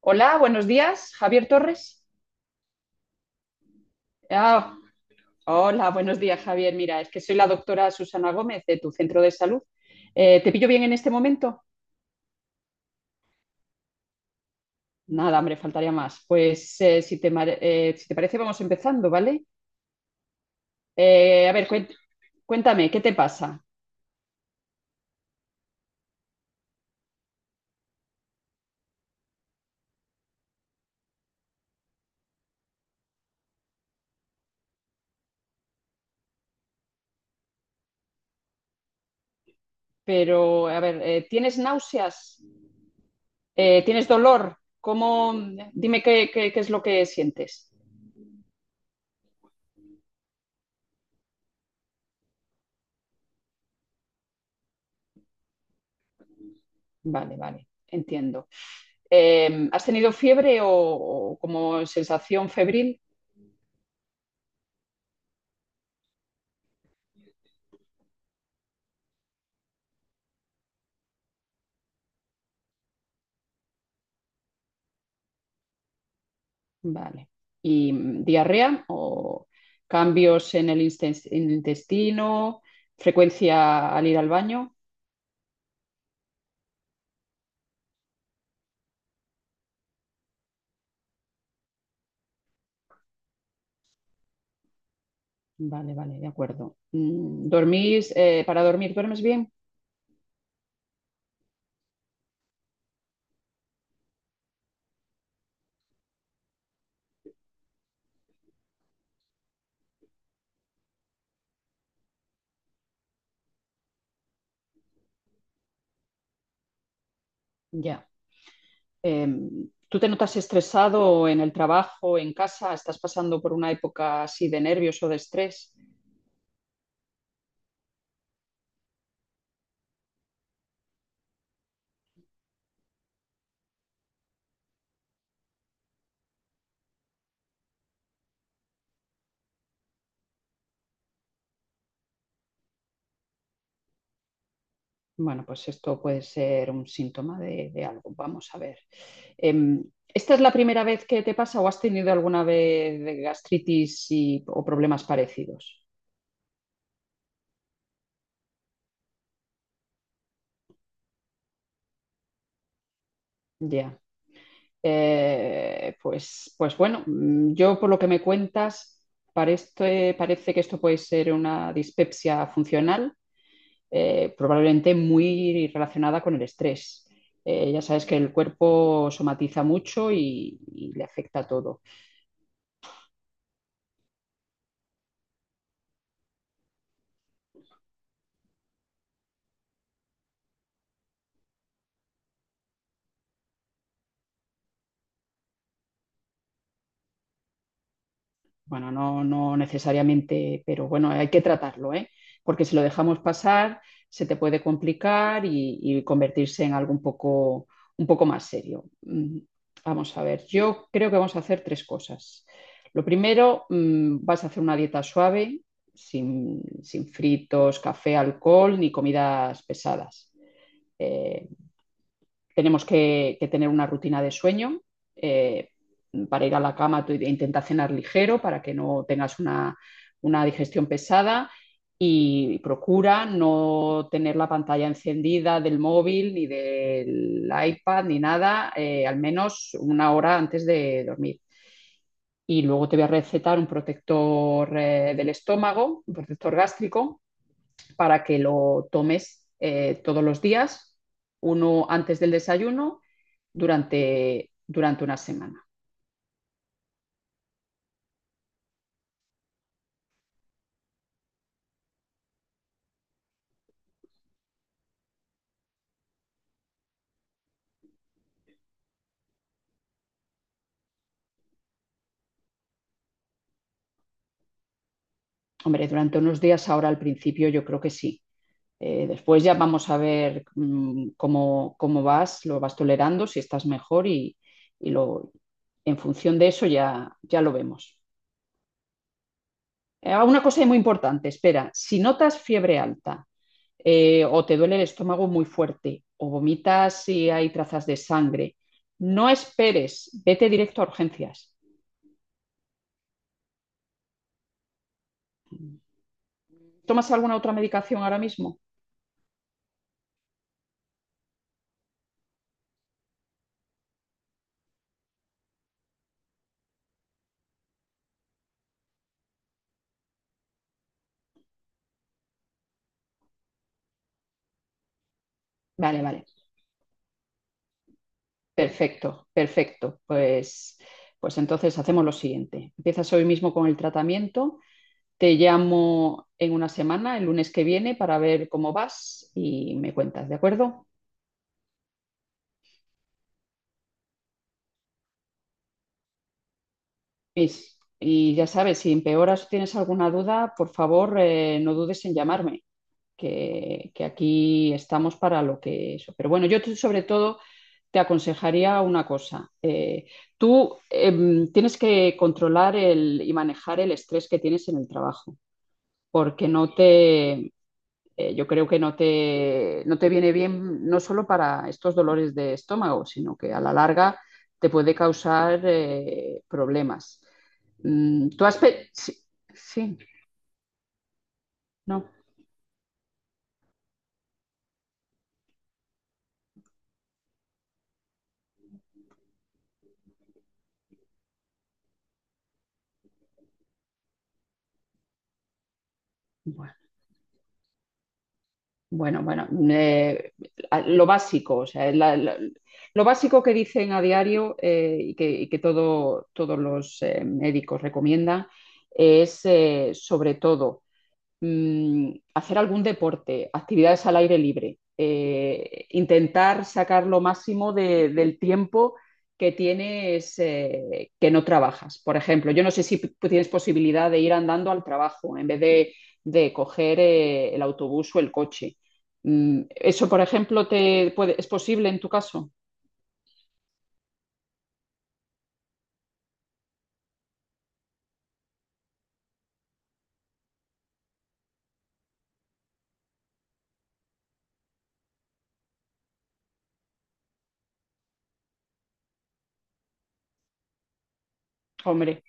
Hola, buenos días, Javier Torres. Ah, hola, buenos días, Javier. Mira, es que soy la doctora Susana Gómez de tu centro de salud. ¿Te pillo bien en este momento? Nada, hombre, faltaría más. Pues si te, si te parece, vamos empezando, ¿vale? A ver, cuéntame, ¿qué te pasa? Pero, a ver, ¿tienes náuseas? ¿Tienes dolor? ¿Cómo? Dime qué, qué es lo que sientes. Vale, vale, entiendo. ¿Has tenido fiebre o como sensación febril? Vale. ¿Y diarrea o cambios en el en el intestino? ¿Frecuencia al ir al baño? Vale, vale, de acuerdo. Mm, ¿dormís, para dormir, duermes bien? Ya. ¿Tú te notas estresado en el trabajo, en casa? ¿Estás pasando por una época así de nervios o de estrés? Bueno, pues esto puede ser un síntoma de algo. Vamos a ver. Em, ¿Esta es la primera vez que te pasa o has tenido alguna vez de gastritis o problemas parecidos? Ya. Pues, pues bueno, mm, yo por lo que me cuentas, para esto, parece que esto puede ser una dispepsia funcional, probablemente muy relacionada con el estrés. Ya sabes que el cuerpo somatiza mucho y le afecta todo. Bueno, no, no necesariamente, pero bueno, hay que tratarlo, ¿eh? Porque si lo dejamos pasar, se te puede complicar y convertirse en algo un poco más serio. Mm, vamos a ver, yo creo que vamos a hacer tres cosas. Lo primero, mm, vas a hacer una dieta suave, sin, sin fritos, café, alcohol ni comidas pesadas. Eh, Tenemos que tener una rutina de sueño. eh, para ir a la cama, tú intenta cenar ligero para que no tengas una digestión pesada y procura no tener la pantalla encendida del móvil ni del iPad ni nada, al menos una hora antes de dormir. Y luego te voy a recetar un protector del estómago, un protector gástrico, para que lo tomes todos los días, uno antes del desayuno, durante, durante una semana. Hombre, durante unos días ahora al principio yo creo que sí. Después ya vamos a ver mmm, cómo, cómo vas, lo vas tolerando, si estás mejor y lo, en función de eso ya, ya lo vemos. Una cosa muy importante, espera, si notas fiebre alta o te duele el estómago muy fuerte, o vomitas y hay trazas de sangre. No esperes, vete directo a urgencias. ¿Tomas alguna otra medicación ahora mismo? Vale, vale. Perfecto, perfecto. Pues, pues entonces hacemos lo siguiente. Empiezas hoy mismo con el tratamiento. Te llamo en una semana, el lunes que viene, para ver cómo vas y me cuentas, ¿de acuerdo? Mis, y ya sabes, si empeoras o tienes alguna duda, por favor, no dudes en llamarme. Que aquí estamos para lo que eso. Pero bueno, sobre todo te aconsejaría una cosa. Tú tienes que controlar el, y manejar el estrés que tienes en el trabajo, porque no te, yo creo que no te, no te viene bien no solo para estos dolores de estómago, sino que a la larga te puede causar problemas. Mm, tú has... Sí, sí, no. Bueno. Bueno, bueno, lo básico, o sea, lo básico que dicen a diario y que todos los médicos recomiendan es, sobre todo, mm, hacer algún deporte, actividades al aire libre, intentar sacar lo máximo del tiempo que tienes que no trabajas. Por ejemplo, yo no sé si tienes posibilidad de ir andando al trabajo en vez de coger el autobús o el coche. Mm, ¿eso, por ejemplo, es posible en tu caso? Hombre.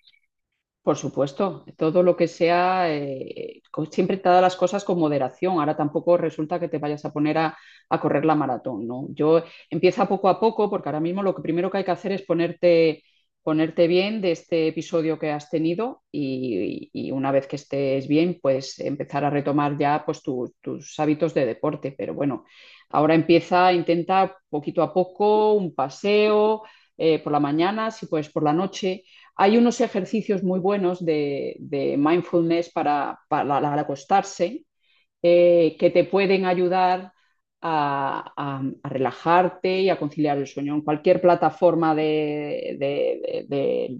Por supuesto, todo lo que sea, siempre todas las cosas con moderación. Ahora tampoco resulta que te vayas a poner a correr la maratón, ¿no? Yo empieza poco a poco, porque ahora mismo lo que primero que hay que hacer es ponerte, ponerte bien de este episodio que has tenido y una vez que estés bien, pues empezar a retomar ya pues, tus hábitos de deporte. Pero bueno, ahora empieza, intenta poquito a poco un paseo por la mañana, si puedes por la noche hay unos ejercicios muy buenos de mindfulness para, al acostarse que te pueden ayudar a, relajarte y a conciliar el sueño. En cualquier plataforma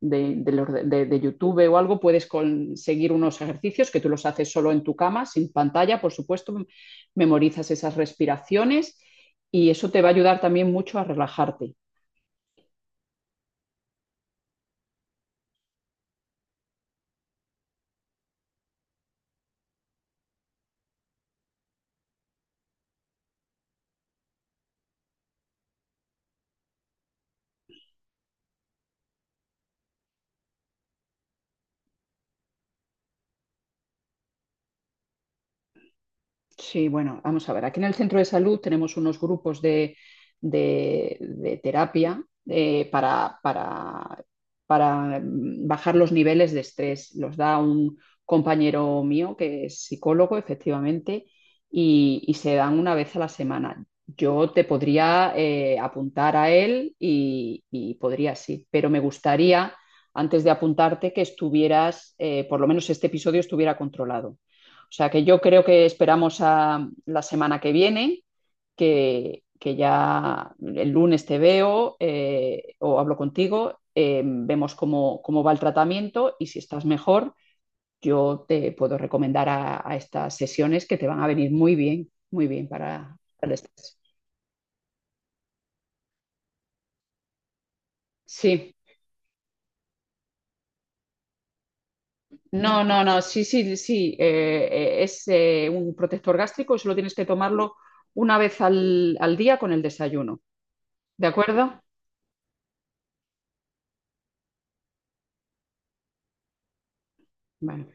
de, de YouTube o algo puedes conseguir unos ejercicios que tú los haces solo en tu cama, sin pantalla, por supuesto, memorizas esas respiraciones y eso te va a ayudar también mucho a relajarte. Sí, bueno, vamos a ver. Aquí en el centro de salud tenemos unos grupos de, de terapia para, para, mm, bajar los niveles de estrés. Los da un compañero mío que es psicólogo, efectivamente, y se dan una vez a la semana. Yo te podría apuntar a él y podría sí, pero me gustaría, antes de apuntarte, que estuvieras, por lo menos este episodio estuviera controlado. O sea que yo creo que esperamos a la semana que viene, que ya el lunes te veo o hablo contigo, vemos cómo, cómo, va el tratamiento y si estás mejor, yo te puedo recomendar a estas sesiones que te van a venir muy bien para el estrés. Sí, no, no, no, sí, sí, sí, es un protector gástrico, solo tienes que tomarlo una vez al, al día con el desayuno, ¿de acuerdo? Bueno.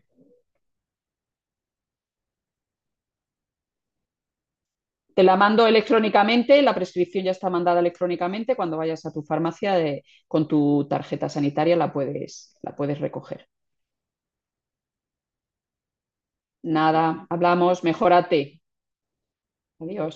Te la mando electrónicamente, la prescripción ya está mandada electrónicamente. Cuando vayas a tu farmacia de, con tu tarjeta sanitaria la puedes recoger. Nada, hablamos, mejórate. Adiós.